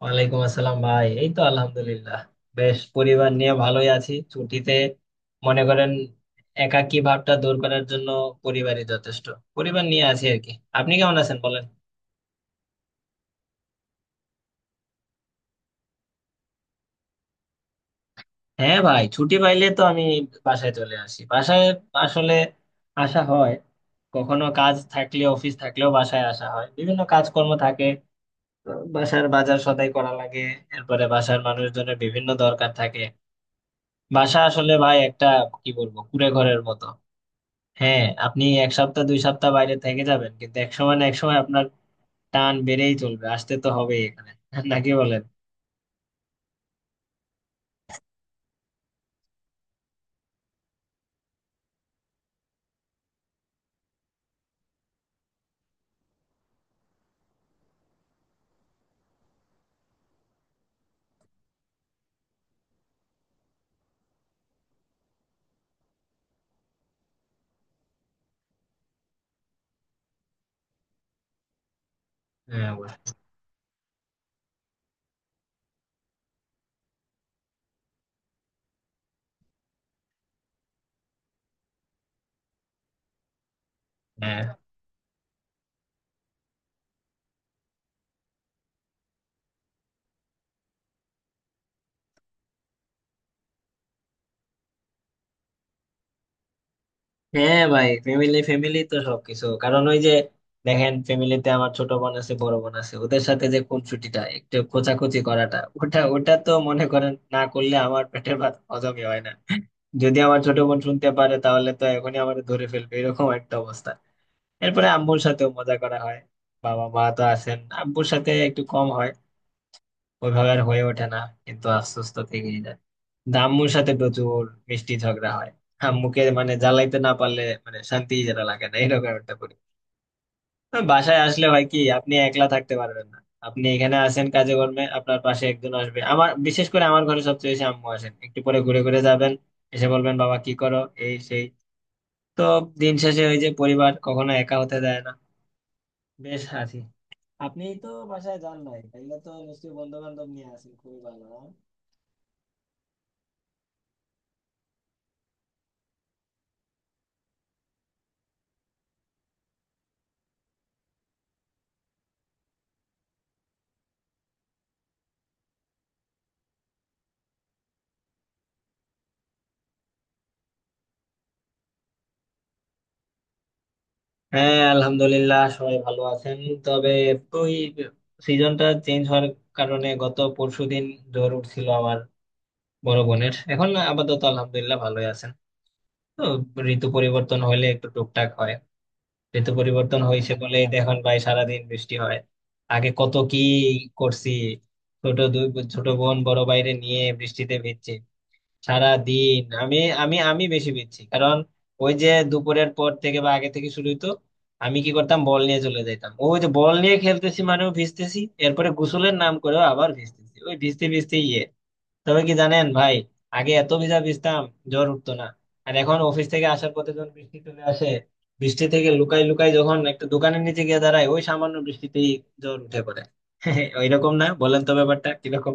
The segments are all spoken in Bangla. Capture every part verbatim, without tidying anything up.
ওয়ালাইকুম আসসালাম ভাই, এই তো আলহামদুলিল্লাহ। বেশ, পরিবার নিয়ে ভালোই আছি ছুটিতে। মনে করেন, একাকী ভাবটা দূর করার জন্য পরিবারই যথেষ্ট। পরিবার নিয়ে আছি আর কি। আপনি কেমন আছেন বলেন? হ্যাঁ ভাই, ছুটি পাইলে তো আমি বাসায় চলে আসি। বাসায় আসলে আসা হয়, কখনো কাজ থাকলে অফিস থাকলেও বাসায় আসা হয়, বিভিন্ন কাজকর্ম থাকে। তো বাসার বাজার সদাই করা লাগে, এরপরে বাসার মানুষজনের বিভিন্ন দরকার থাকে। বাসা আসলে ভাই একটা, কি বলবো, কুঁড়ে ঘরের মতো। হ্যাঁ, আপনি এক সপ্তাহ দুই সপ্তাহ বাইরে থেকে যাবেন, কিন্তু এক সময় না এক সময় আপনার টান বেড়েই চলবে, আসতে তো হবেই এখানে নাকি বলেন? হ্যাঁ অবশ্যই। হ্যাঁ হ্যাঁ ভাই, ফ্যামিলি ফ্যামিলি তো সবকিছু। কারণ ওই যে, দেখেন ফ্যামিলিতে আমার ছোট বোন আছে, বড় বোন আছে, ওদের সাথে যে কোন ছুটিটা একটু খোঁচাখুচি করাটা, ওটা ওটা তো মনে করেন না করলে আমার পেটের ভাত হজমই হয় না। যদি আমার ছোট বোন শুনতে পারে তাহলে তো এখনই আমার ধরে ফেলবে, এরকম একটা অবস্থা। এরপরে আম্মুর সাথেও মজা করা হয়। বাবা মা তো আছেন, আব্বুর সাথে একটু কম হয়, ওইভাবে আর হয়ে ওঠে না, কিন্তু আশ্বস্ত থেকেই যায়। কিন্তু আম্মুর সাথে প্রচুর মিষ্টি ঝগড়া হয়। আম্মুকে মানে জ্বালাইতে না পারলে মানে শান্তি যেটা লাগে না, এরকম একটা করি। বাসায় আসলে হয় কি, আপনি একলা থাকতে পারবেন না। আপনি এখানে আসেন কাজে কর্মে, আপনার পাশে একজন আসবে। আমার, বিশেষ করে আমার ঘরে সবচেয়ে বেশি আম্মু আসেন, একটু পরে ঘুরে ঘুরে যাবেন। এসে বলবেন বাবা কি করো, এই সেই। তো দিন শেষে ওই যে পরিবার কখনো একা হতে দেয় না। বেশ আছি। আপনি তো বাসায় যান নাই, তাইলে তো নিশ্চয়ই বন্ধু বান্ধব নিয়ে আসেন, খুবই ভালো, হ্যাঁ? হ্যাঁ আলহামদুলিল্লাহ সবাই ভালো আছেন। তবে ওই সিজনটা চেঞ্জ হওয়ার কারণে গত পরশুদিন জ্বর উঠছিল আমার, বড় বোনের। এখন আপাতত আলহামদুলিল্লাহ ভালোই আছেন। তো ঋতু পরিবর্তন হলে একটু টুকটাক হয়। ঋতু পরিবর্তন হয়েছে বলেই দেখুন ভাই সারাদিন বৃষ্টি হয়। আগে কত কি করছি। ছোট, দুই ছোট বোন বড় বাইরে নিয়ে বৃষ্টিতে ভিজছে সারা দিন। আমি আমি আমি বেশি পিচ্ছি, কারণ ওই যে দুপুরের পর থেকে বা আগে থেকে শুরু হইতো। আমি কি করতাম, বল নিয়ে চলে যেতাম। ওই যে বল নিয়ে খেলতেছি মানেও ভিজতেছি, এরপরে গোসলের নাম করেও আবার ভিজতেছি, ওই ভিজতে ভিজতে ইয়ে। তবে কি জানেন ভাই, আগে এত ভিজা ভিজতাম জ্বর উঠতো না, আর এখন অফিস থেকে আসার পথে যখন বৃষ্টি চলে আসে, বৃষ্টি থেকে লুকাই লুকাই যখন একটা দোকানের নিচে গিয়ে দাঁড়ায়, ওই সামান্য বৃষ্টিতেই জ্বর উঠে পড়ে। ওইরকম না, বলেন তো ব্যাপারটা কিরকম।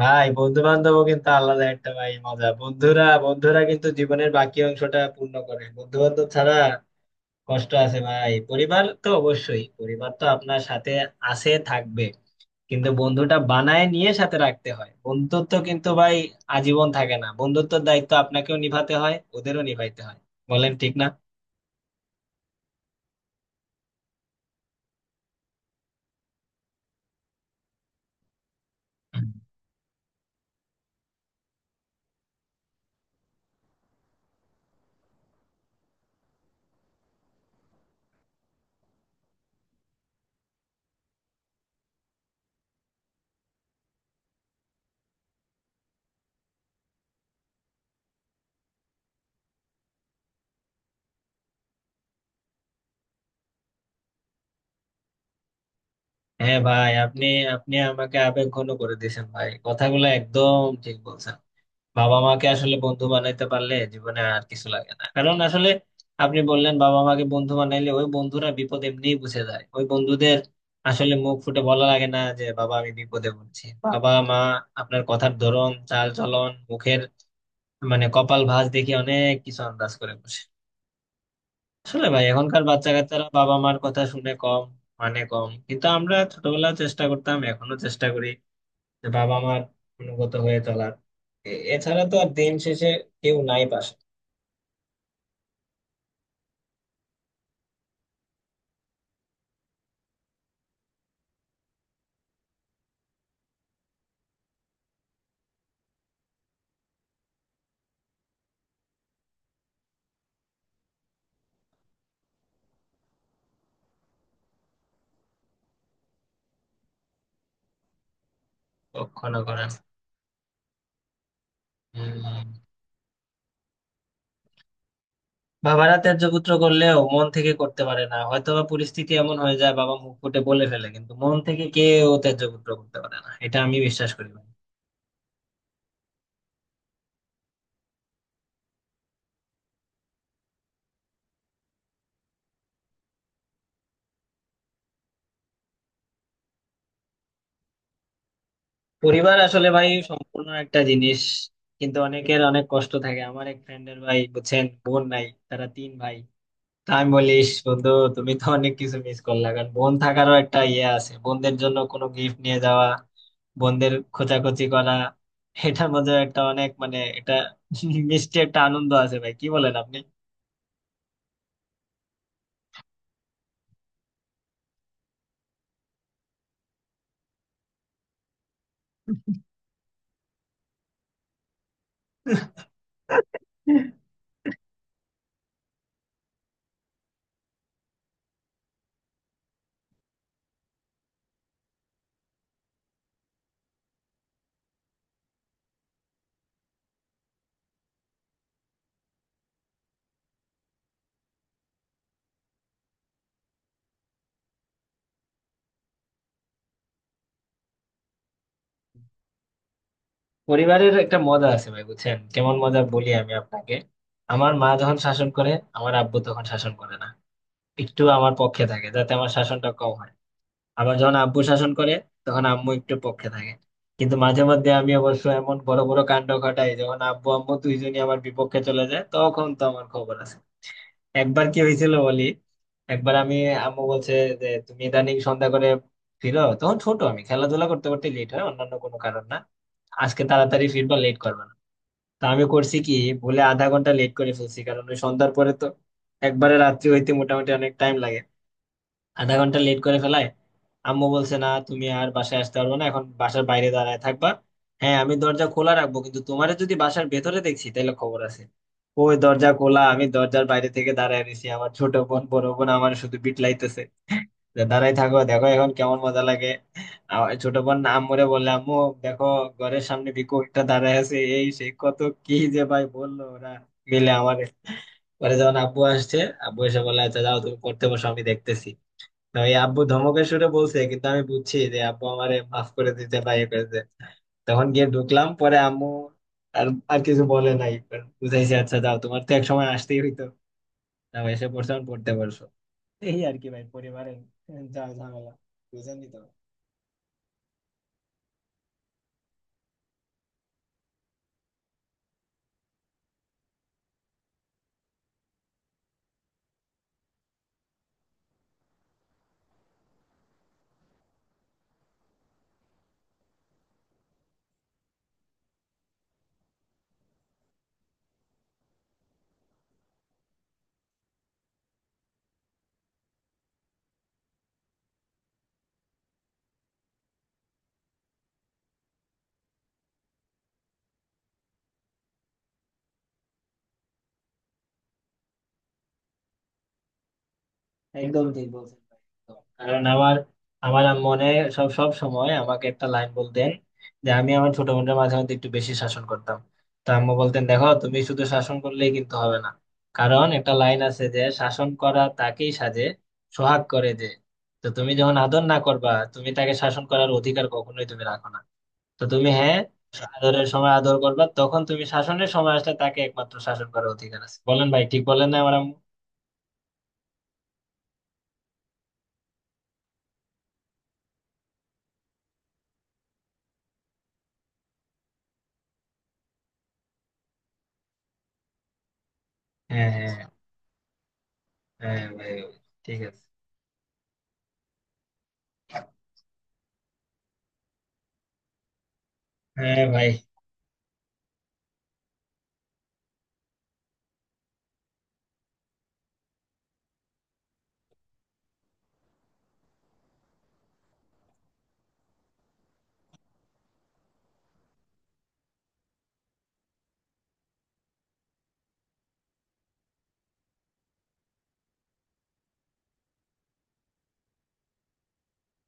ভাই বন্ধু বান্ধব কিন্তু আলাদা একটা ভাই মজা, বন্ধুরা বন্ধুরা কিন্তু জীবনের বাকি অংশটা পূর্ণ করে। বন্ধু বান্ধব ছাড়া কষ্ট আছে ভাই। পরিবার তো অবশ্যই, পরিবার তো আপনার সাথে আছে, থাকবে। কিন্তু বন্ধুটা বানায় নিয়ে সাথে রাখতে হয়। বন্ধুত্ব কিন্তু ভাই আজীবন থাকে না, বন্ধুত্বের দায়িত্ব আপনাকেও নিভাতে হয়, ওদেরও নিভাইতে হয়। বলেন, ঠিক না? হ্যাঁ ভাই, আপনি আপনি আমাকে আবেগ ঘন করে দিয়েছেন ভাই, কথাগুলো একদম ঠিক বলছেন। বাবা মাকে আসলে বন্ধু বানাইতে পারলে জীবনে আর কিছু লাগে না। কারণ আসলে আপনি বললেন বাবা মাকে বন্ধু বানাইলে, ওই বন্ধুরা বিপদ এমনিই বুঝে যায়। ওই বন্ধুদের আসলে মুখ ফুটে বলা লাগে না যে বাবা আমি বিপদে পড়ছি। বাবা মা আপনার কথার ধরন, চাল চলন, মুখের মানে কপাল ভাঁজ দেখে অনেক কিছু আন্দাজ করে বসে। আসলে ভাই এখনকার বাচ্চা কাচ্চারা বাবা মার কথা শুনে কম, মানে কম, কিন্তু আমরা ছোটবেলায় চেষ্টা করতাম, এখনো চেষ্টা করি যে বাবা মার অনুগত হয়ে চলার। এ- এছাড়া তো আর দিন শেষে কেউ নাই পাশে। কখনো করেন। হম, বাবারা ত্যায্য পুত্র করলেও মন থেকে করতে পারে না, হয়তোবা পরিস্থিতি এমন হয়ে যায় বাবা মুখ ফুটে বলে ফেলে, কিন্তু মন থেকে কেউ ত্যায্য পুত্র করতে পারে না, এটা আমি বিশ্বাস করি ভাই। পরিবার আসলে ভাই সম্পূর্ণ একটা জিনিস, কিন্তু অনেকের অনেক কষ্ট থাকে। আমার এক ফ্রেন্ডের ভাই, বুঝছেন, বোন নাই, তারা তিন ভাই। তা আমি বলিস বন্ধু, তুমি তো অনেক কিছু মিস করলা, কারণ বোন থাকারও একটা ইয়ে আছে। বোনদের জন্য কোনো গিফট নিয়ে যাওয়া, বোনদের খোঁচাখুচি করা, এটার মধ্যে একটা অনেক মানে, এটা মিষ্টি একটা আনন্দ আছে ভাই, কি বলেন আপনি? পরিবারের একটা মজা আছে ভাই, বুঝছেন কেমন মজা, বলি আমি আপনাকে। আমার মা যখন শাসন করে, আমার আব্বু তখন শাসন করে না, একটু আমার পক্ষে থাকে, যাতে আমার শাসনটা কম হয়। আবার যখন আব্বু শাসন করে, তখন আম্মু একটু পক্ষে থাকে। কিন্তু মাঝে মধ্যে আমি অবশ্য এমন বড় বড় কাণ্ড ঘটাই, যখন আব্বু আম্মু দুইজনই আমার বিপক্ষে চলে যায়, তখন তো আমার খবর আছে। একবার কি হয়েছিল বলি। একবার আমি, আম্মু বলছে যে তুমি ইদানিং সন্ধ্যা করে ফিরো, তখন ছোট আমি, খেলাধুলা করতে করতে লেট হয়, অন্যান্য কোনো কারণ না। আজকে তাড়াতাড়ি ফিরবা, লেট করবে না। তা আমি করছি কি, ভুলে আধা ঘন্টা লেট করে ফেলছি, কারণ ওই সন্ধ্যার পরে তো একবারে রাত্রি হইতে মোটামুটি অনেক টাইম লাগে। আধা ঘন্টা লেট করে ফেলায় আম্মু বলছে, না তুমি আর বাসায় আসতে পারবে না, এখন বাসার বাইরে দাঁড়ায় থাকবা। হ্যাঁ আমি দরজা খোলা রাখবো, কিন্তু তোমারে যদি বাসার ভেতরে দেখছি তাহলে খবর আছে। ওই দরজা খোলা, আমি দরজার বাইরে থেকে দাঁড়ায় রয়েছি। আমার ছোট বোন বড় বোন আমার শুধু বিটলাইতেছে, যে দাঁড়াই থাকো দেখো এখন কেমন মজা লাগে। আমার ছোট বোন আম্মুরে বললে, আম্মু দেখো ঘরের সামনে ভিকু একটা দাঁড়ায় আছে, এই সে কত কি যে ভাই বললো ওরা মিলে আমারে। পরে যখন আব্বু আসছে, আব্বু এসে বলে আচ্ছা যাও তুমি পড়তে বসো, আমি দেখতেছি। না, ওই আব্বু ধমকের সুরে বলছে, কিন্তু আমি বুঝছি যে আব্বু আমারে মাফ করে দিতে বা ইয়ে করে দিতে। তখন গিয়ে ঢুকলাম। পরে আম্মু আর আর কিছু বলে নাই, বুঝাইছে আচ্ছা যাও, তোমার তো এক সময় আসতেই হইতো, না এসে পড়ছো এখন পড়তে পারছো। এই আর কি ভাই, পরিবারের যা ঝামেলা, বুঝেনি তো। একদম ঠিক বলছেন ভাই, একদম। কারণ আমার আমার আম্মু অনেক, সব সব সময় আমাকে একটা লাইন বলতেন, যে আমি আমার ছোট বোনদের মাঝে মধ্যে একটু বেশি শাসন করতাম। তো আম্মু বলতেন, দেখো তুমি শুধু শাসন করলেই কিন্তু হবে না, কারণ একটা লাইন আছে, যে শাসন করা তাকেই সাজে সোহাগ করে যে। তো তুমি যখন আদর না করবা, তুমি তাকে শাসন করার অধিকার কখনোই তুমি রাখো না। তো তুমি, হ্যাঁ, আদরের সময় আদর করবা, তখন তুমি শাসনের সময় আসলে তাকে একমাত্র শাসন করার অধিকার আছে। বলেন ভাই, ঠিক বলেন না আমার আম্মু? হ্যাঁ, হ্যাঁ, হ্যাঁ ভাই। ঠিক আছে। হ্যাঁ ভাই,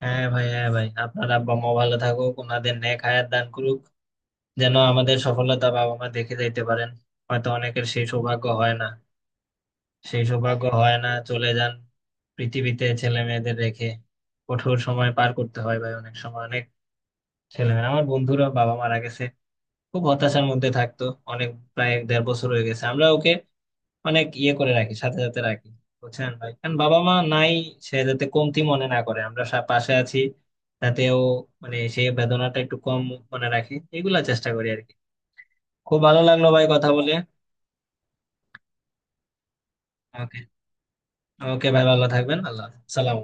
হ্যাঁ ভাই, হ্যাঁ ভাই, আপনার আব্বা মা ভালো থাকুক, ওনাদের নেক হায়াত দান করুক, যেন আমাদের সফলতা বাবা মা দেখে যাইতে পারেন। হয়তো অনেকের সেই সৌভাগ্য হয় না, সেই সৌভাগ্য হয় না, চলে যান পৃথিবীতে ছেলে মেয়েদের রেখে। কঠোর সময় পার করতে হয় ভাই অনেক সময়। অনেক ছেলে মেয়ে, আমার বন্ধুরা বাবা মারা গেছে, খুব হতাশার মধ্যে থাকতো। অনেক, প্রায় এক দেড় বছর হয়ে গেছে, আমরা ওকে অনেক ইয়ে করে রাখি, সাথে সাথে রাখি, বুঝছেন ভাই। কারণ বাবা মা নাই, সে যাতে কমতি মনে না করে, আমরা সা- পাশে আছি, তাতেও মানে সেই বেদনাটা একটু কম মনে রাখি, এগুলা চেষ্টা করি আর কি। খুব ভালো লাগলো ভাই কথা বলে। ওকে। ওকে ভাই ভালো থাকবেন, আল্লাহ হাফেজ। সালাম।